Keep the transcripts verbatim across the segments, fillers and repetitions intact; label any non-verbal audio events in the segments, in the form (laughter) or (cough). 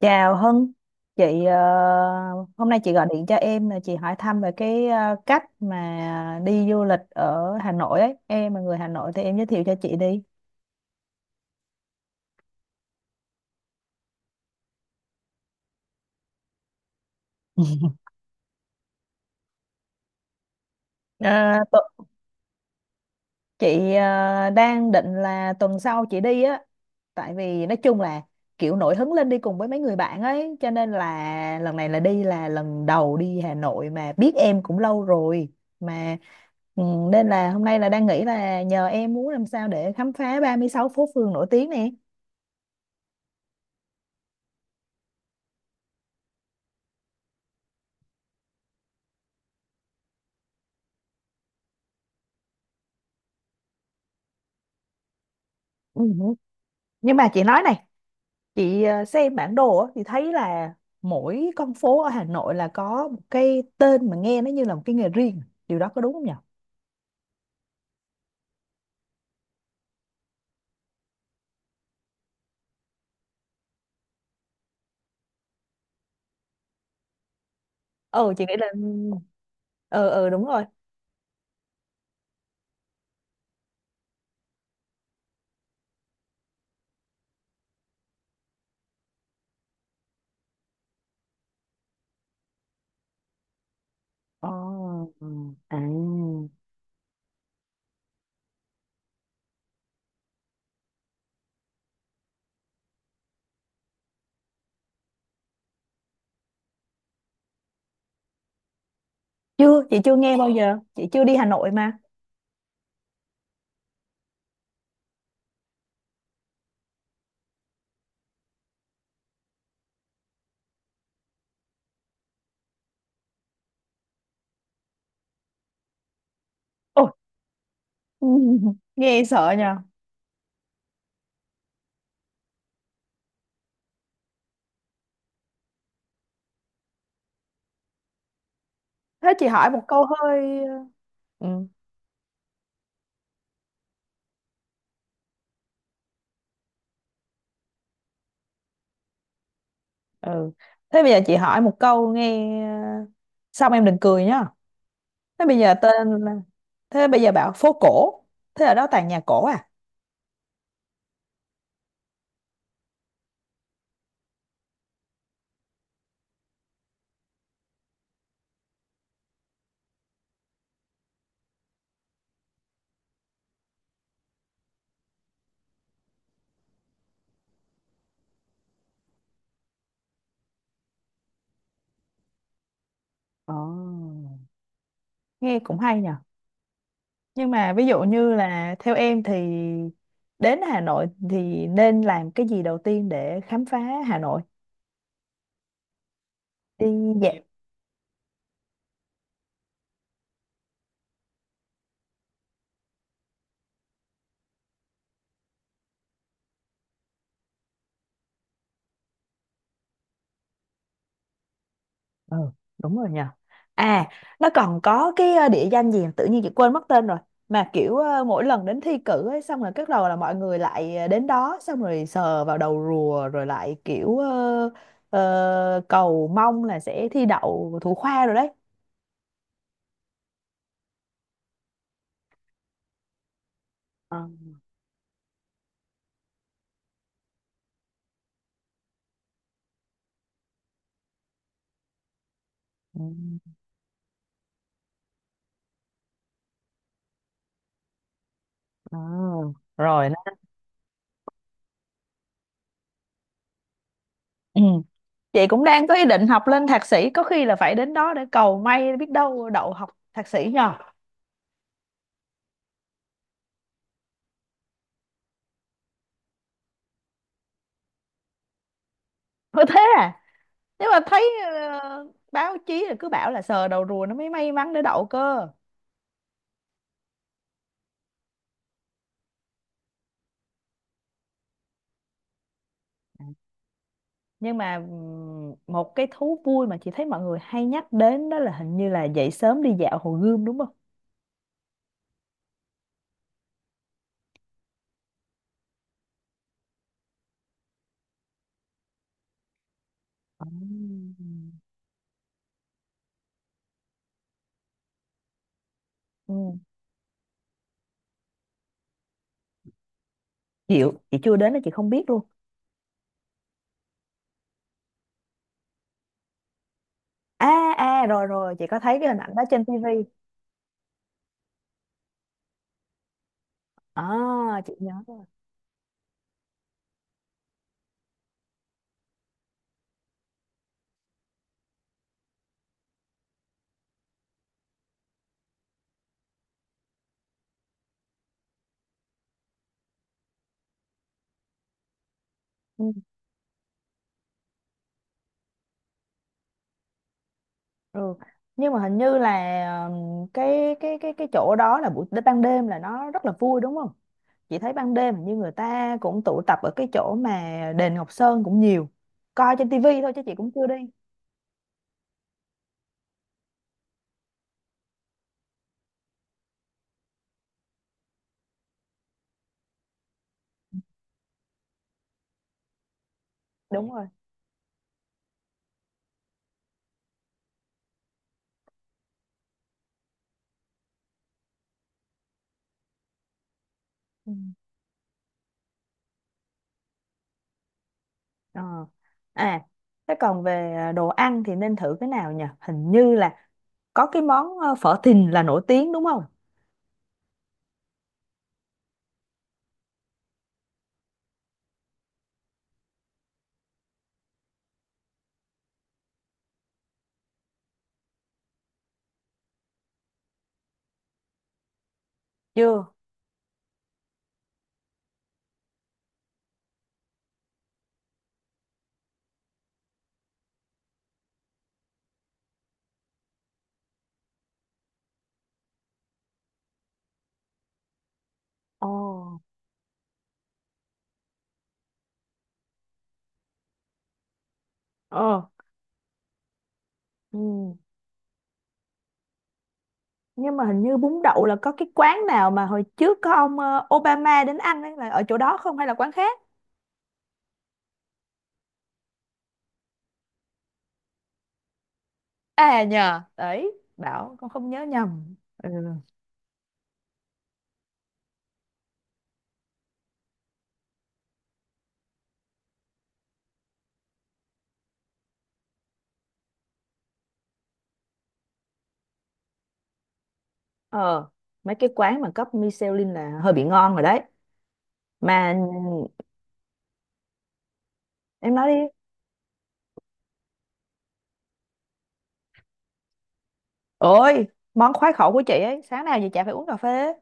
Chào Hân, chị ờ, hôm nay chị gọi điện cho em là chị hỏi thăm về cái ờ, cách mà đi du lịch ở Hà Nội ấy. Em là người Hà Nội thì em giới thiệu cho chị đi. (laughs) Ờ, tu- chị ờ, đang định là tuần sau chị đi á, tại vì nói chung là kiểu nổi hứng lên đi cùng với mấy người bạn ấy, cho nên là lần này là đi là lần đầu đi Hà Nội mà biết em cũng lâu rồi mà. ừ, Nên là hôm nay là đang nghĩ là nhờ em muốn làm sao để khám phá ba mươi sáu phố phường nổi tiếng nè. Ừ. Nhưng mà chị nói này, chị ờ, xem bản đồ á, thì thấy là mỗi con phố ở Hà Nội là có một cái tên mà nghe nó như là một cái nghề riêng. Điều đó có đúng không nhỉ? Ừ, chị nghĩ là ừ ừ đúng rồi. Ồ, ừ. À. Chưa, chị chưa nghe bao giờ, chị chưa đi Hà Nội mà. Ôi, (laughs) nghe sợ nhờ. Thế chị hỏi một câu hơi... Ừ, ừ. Thế bây giờ chị hỏi một câu nghe... ờ, Xong em đừng cười nhá. Thế bây giờ tên là- Thế bây giờ bảo phố cổ. Thế ở đó toàn nhà cổ à? Ồ, nghe cũng hay nhờ. Nhưng mà ví dụ như là theo em thì đến Hà Nội thì nên làm cái gì đầu tiên để khám phá Hà Nội? Đi dạo. Ừ, đúng rồi nhờ. À, nó còn có cái ờ, địa danh gì tự nhiên chị quên mất tên rồi mà kiểu ờ, mỗi lần đến thi cử ấy xong rồi cái đầu là mọi người lại ờ, đến đó xong rồi sờ vào đầu rùa rồi lại kiểu ờ, ờ, cầu mong là sẽ thi đậu thủ khoa rồi đấy. Ờ. Ừ. Ờ, rồi nó- Ừ. Chị cũng đang có ý định học lên thạc sĩ, có khi là phải đến đó để cầu may, biết đâu đậu học thạc sĩ nhờ. Có thế à? Nếu mà thấy ờ, báo chí là cứ bảo là sờ đầu rùa nó mới may mắn để đậu cơ. À, nhưng mà ừm, một cái thú vui mà chị thấy mọi người hay nhắc đến đó là hình như là dậy sớm đi dạo Hồ Gươm đúng không? Ồ. Ừ. Chịu, chị chưa đến đó, chị không biết luôn. À, à, rồi rồi, chị có thấy cái hình ảnh đó trên tivi. À, chị nhớ. Ừ. Nhưng mà hình như là ừm, cái cái cái cái chỗ đó là buổi ban đêm là nó rất là vui đúng không? Chị thấy ban đêm hình như người ta cũng tụ tập ở cái chỗ mà đền Ngọc Sơn cũng nhiều. Coi trên tivi thôi chứ chị cũng chưa đi. Đúng rồi. Ừ. Ờ. À, thế còn về à, đồ ăn thì nên thử cái nào nhỉ? Hình như là có cái món ờ, phở Thìn là nổi tiếng đúng không? Chưa. Ồ. Ờ. Ừ. Nhưng mà hình như bún đậu là có cái quán nào mà hồi trước có ông ờ, Obama đến ăn ấy là ở chỗ đó không hay là quán khác. À nhờ đấy, bảo con không nhớ nhầm. Ừ. ờ Mấy cái quán mà cấp Michelin là hơi bị ngon rồi đấy, mà em nói đi. Ôi, món khoái khẩu của chị ấy, sáng nào chị chả phải uống cà phê.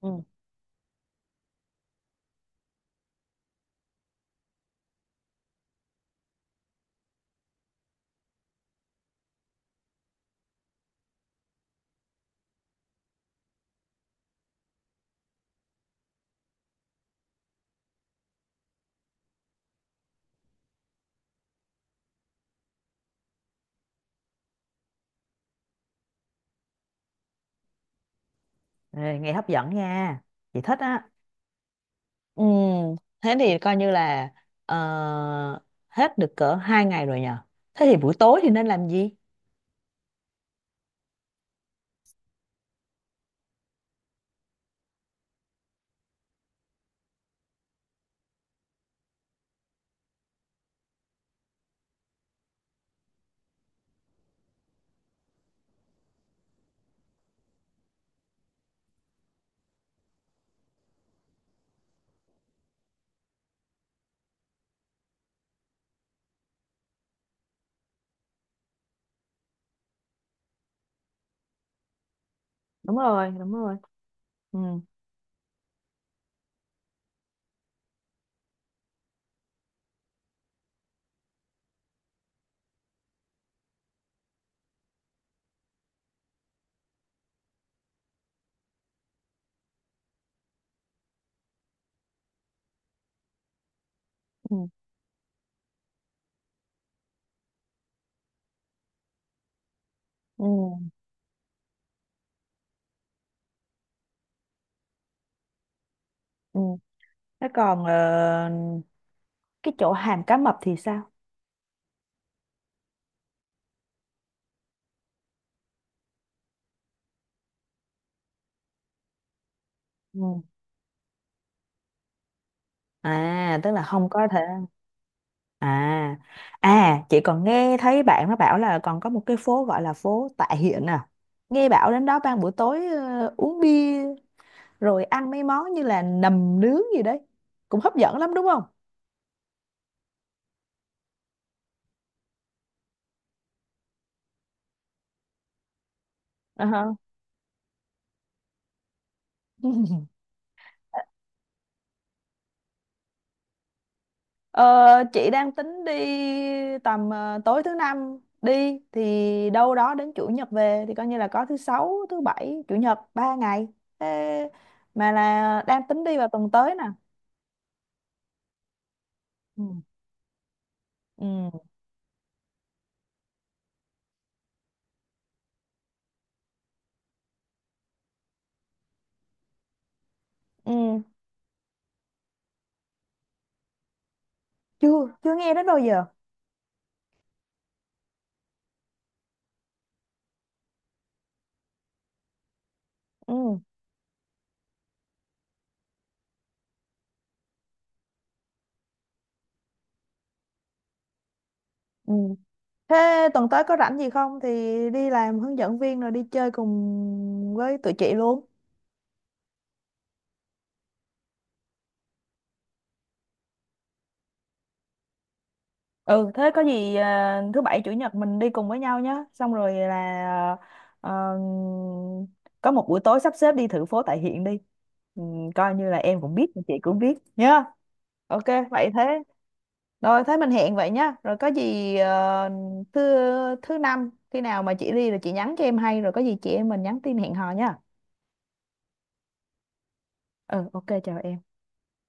Ừ. Ê, nghe hấp dẫn nha, chị thích á. Ừ. Thế thì coi như là ờ, hết được cỡ hai ngày rồi nhờ. Thế thì buổi tối thì nên làm gì? Đúng rồi, đúng rồi. Ừ, ừ, ừ, ừ. Thế còn ờ, cái chỗ hàm cá mập thì sao? Ừ. À, tức là không có thể. À, à, chị còn nghe thấy bạn nó bảo là còn có một cái phố gọi là phố Tạ Hiện à. Nghe bảo đến đó ban buổi tối ờ, uống bia rồi ăn mấy món như là nầm nướng gì đấy, cũng hấp dẫn lắm đúng không? Ờ hả. (laughs) Ờ, chị đang tính đi tầm ờ, tối thứ năm đi thì đâu đó đến chủ nhật về, thì coi như là có thứ sáu, thứ bảy, chủ nhật ba ngày. Thế mà là đang tính đi vào tuần tới nè. Ừ. Ừ. Ừ. Chưa, chưa nghe đến bao giờ. Ừ. Ừ. Thế tuần tới có rảnh gì không thì đi làm hướng dẫn viên rồi đi chơi cùng với tụi chị luôn. Ừ, thế có gì à, thứ bảy chủ nhật mình đi cùng với nhau nhé, xong rồi là ờ, có một buổi tối sắp xếp đi thử phố tại hiện đi. Ừ, coi như là em cũng biết chị cũng biết nhá. OK. Vậy thế, rồi thế mình hẹn vậy nhá, rồi có gì ờ, thứ thứ năm khi nào mà chị đi là chị nhắn cho em hay, rồi có gì chị em mình nhắn tin hẹn hò nhá. Ừ, OK, chào em.